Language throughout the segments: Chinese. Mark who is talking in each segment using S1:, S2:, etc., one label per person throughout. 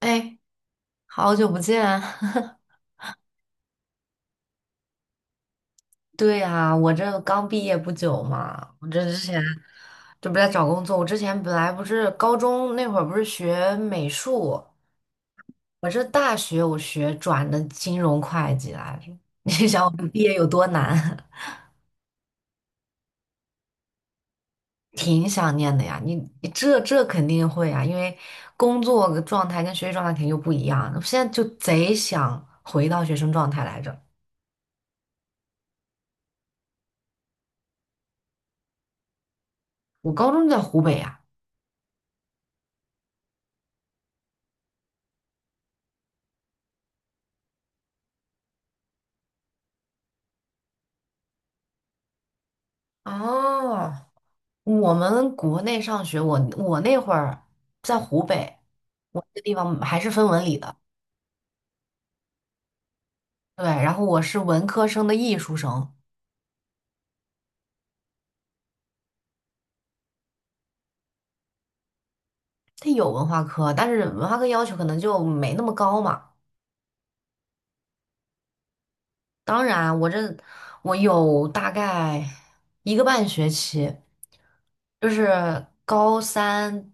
S1: 哎，好久不见。对呀，我这刚毕业不久嘛，我这之前这不在找工作。我之前本来不是高中那会儿不是学美术，我这大学我学转的金融会计来着。你想我这毕业有多难，挺想念的呀。你这肯定会啊，因为工作状态跟学习状态肯定就不一样。我现在就贼想回到学生状态来着。我高中就在湖北呀。哦，我们国内上学，我那会儿在湖北，我那个地方还是分文理的。对，然后我是文科生的艺术生，它有文化课，但是文化课要求可能就没那么高嘛。当然，我有大概一个半学期，就是高三，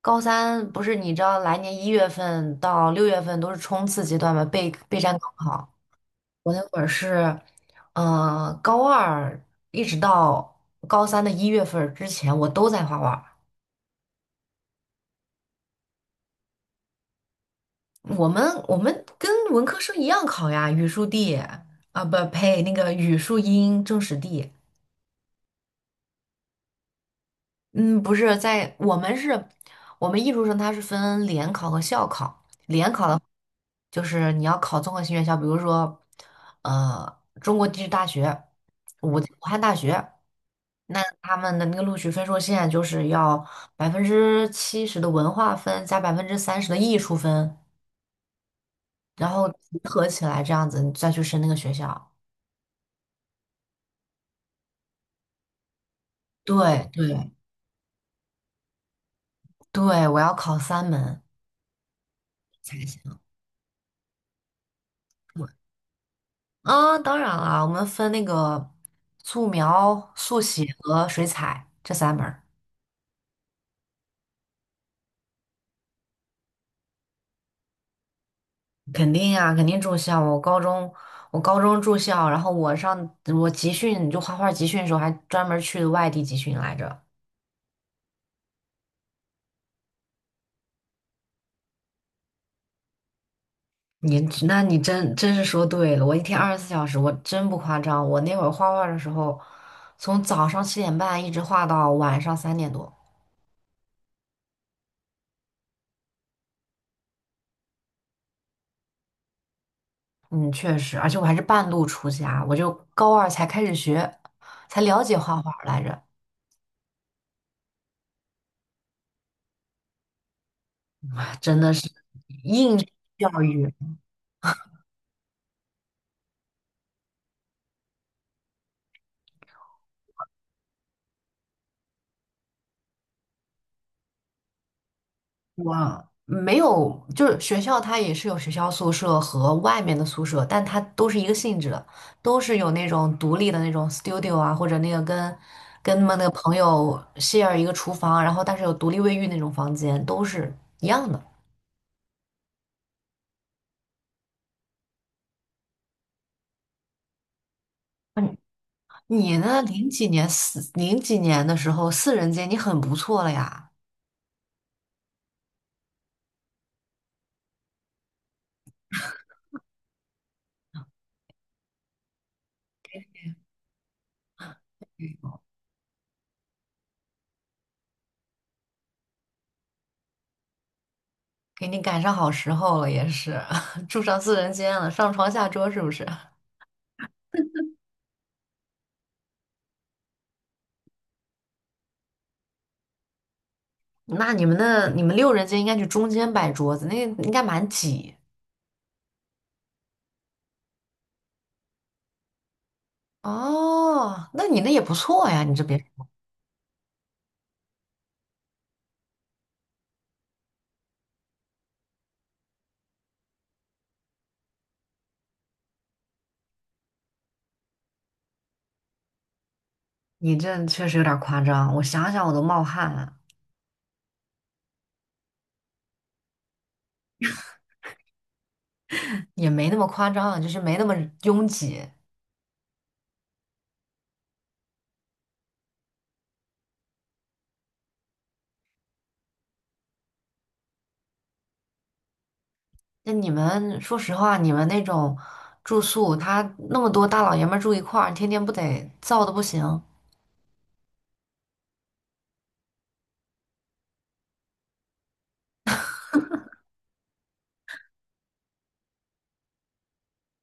S1: 高三不是你知道来年一月份到6月份都是冲刺阶段嘛，备战高考。我那会儿是，高二一直到高三的1月份儿之前，我都在画画。我们跟文科生一样考呀，语数地啊，不呸，那个语数英政史地。嗯，不是在我们是，我们艺术生他是分联考和校考。联考的话就是你要考综合性院校，比如说，中国地质大学、武汉大学。那他们的那个录取分数线就是要70%的文化分加30%的艺术分，然后集合起来这样子，你再去申那个学校。对对对，我要考三门才行。对啊，当然了，我们分那个素描、速写和水彩这三门儿。肯定啊，肯定住校。我高中住校，然后我集训，就画画集训的时候，还专门去外地集训来着。你那你真是说对了，我一天24小时，我真不夸张。我那会儿画画的时候，从早上7:30一直画到晚上3点多。嗯，确实，而且我还是半路出家，我就高二才开始学，才了解画画来着，真的是应试教育。我没有，就是学校它也是有学校宿舍和外面的宿舍，但它都是一个性质的，都是有那种独立的那种 studio 啊，或者那个跟他们那个朋友 share 一个厨房，然后但是有独立卫浴那种房间，都是一样的。嗯，你呢？零几年的时候，四人间你很不错了呀。给你赶上好时候了，也是 住上四人间了，上床下桌是不是？那你们六人间应该去中间摆桌子，那应该蛮挤。哦，那你那也不错呀，你这别，你这确实有点夸张，我想想我都冒汗了，也没那么夸张，就是没那么拥挤。那你们说实话，你们那种住宿，他那么多大老爷们儿住一块儿，天天不得燥的不行？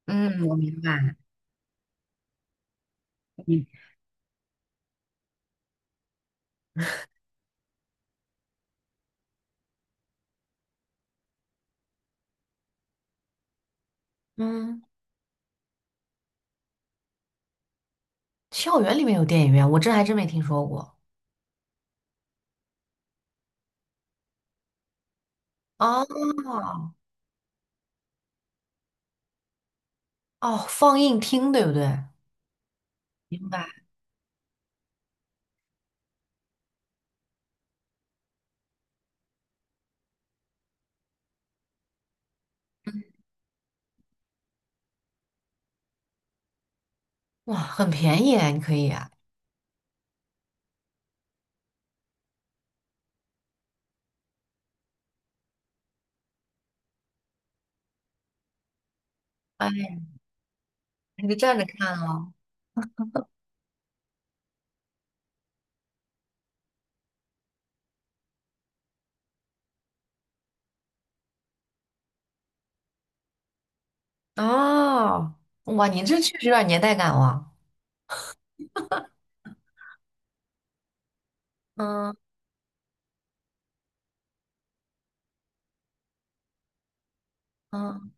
S1: 嗯，我明白你。嗯，嗯，校园里面有电影院，我这还真没听说过。哦哦，放映厅对不对？哇，很便宜啊，你可以啊。哎，你就站着看啊、哦，哇，你这确实有点年代感哇。嗯嗯，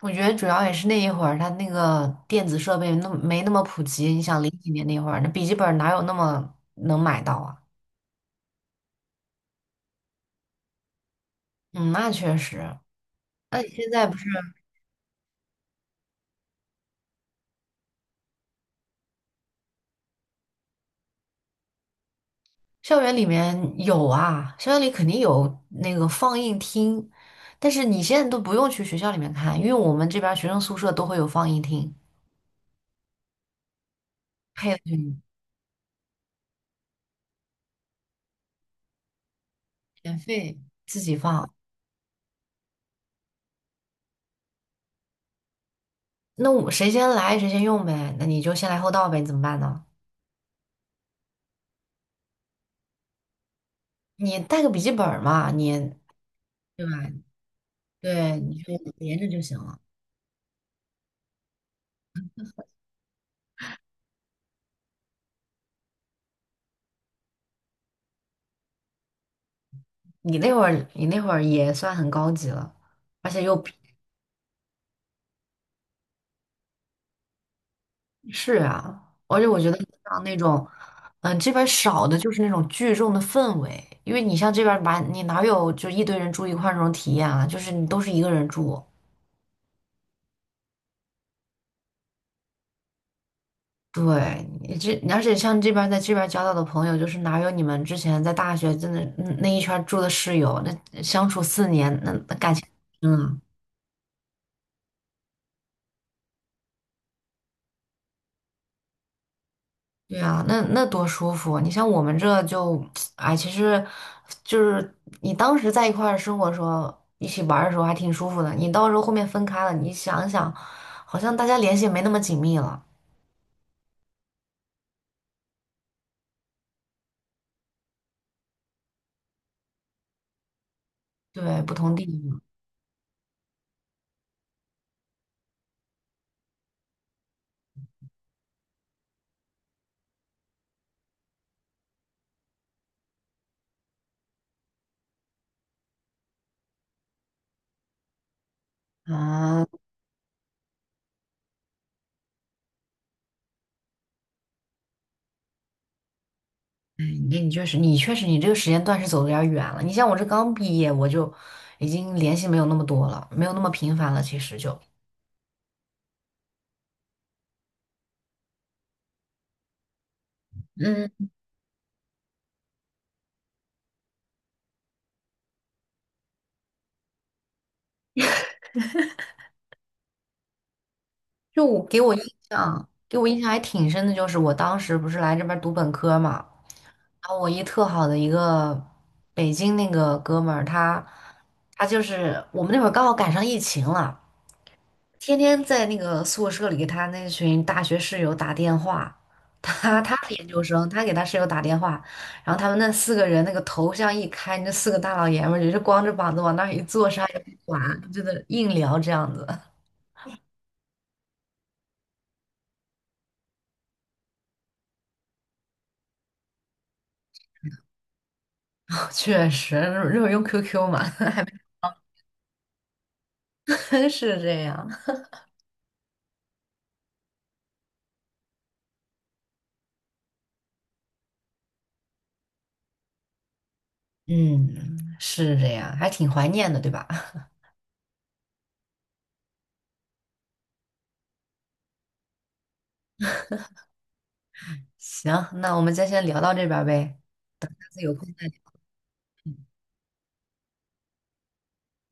S1: 我觉得主要也是那一会儿，它那个电子设备没那么普及。你想零几年那会儿，那笔记本哪有那么能买到啊？嗯，那确实。那你现在不是校园里面有啊？校园里肯定有那个放映厅，但是你现在都不用去学校里面看，因为我们这边儿学生宿舍都会有放映厅，配的免费自己放。那我谁先来谁先用呗，那你就先来后到呗，你怎么办呢？你带个笔记本儿嘛，你对吧？对，你就连着就行了。你那会儿也算很高级了。而且又平是啊，而且我觉得像那种，这边儿少的就是那种聚众的氛围，因为你像这边儿吧，你哪有就一堆人住一块儿那种体验啊？就是你都是一个人住。对，你这而且像这边在这边交到的朋友，就是哪有你们之前在大学真的那一圈儿住的室友，那相处4年，那感情，嗯，对啊，那多舒服啊。你像我们这就，哎，其实就是你当时在一块儿生活的时候，一起玩儿的时候还挺舒服的。你到时候后面分开了，你想一想，好像大家联系也没那么紧密了。对，不同地域嘛，啊。你确实，你这个时间段是走的有点儿远了。你像我这刚毕业，我就已经联系没有那么多了，没有那么频繁了。其实就，嗯，就我给我印象，给我印象还挺深的，就是我当时不是来这边儿读本科嘛，然后我一特好的一个北京那个哥们儿，他就是我们那会儿刚好赶上疫情了，天天在那个宿舍里给他那群大学室友打电话，他是研究生，他给他室友打电话，然后他们那四个人那个头像一开，那四个大老爷们儿也是光着膀子往那儿一坐，啥也不管，就在那硬聊这样子。确实，那会儿用 QQ 嘛，还真是这样。嗯，是这样，还挺怀念的，对吧？行，那我们就先聊到这边儿呗，下次有空再。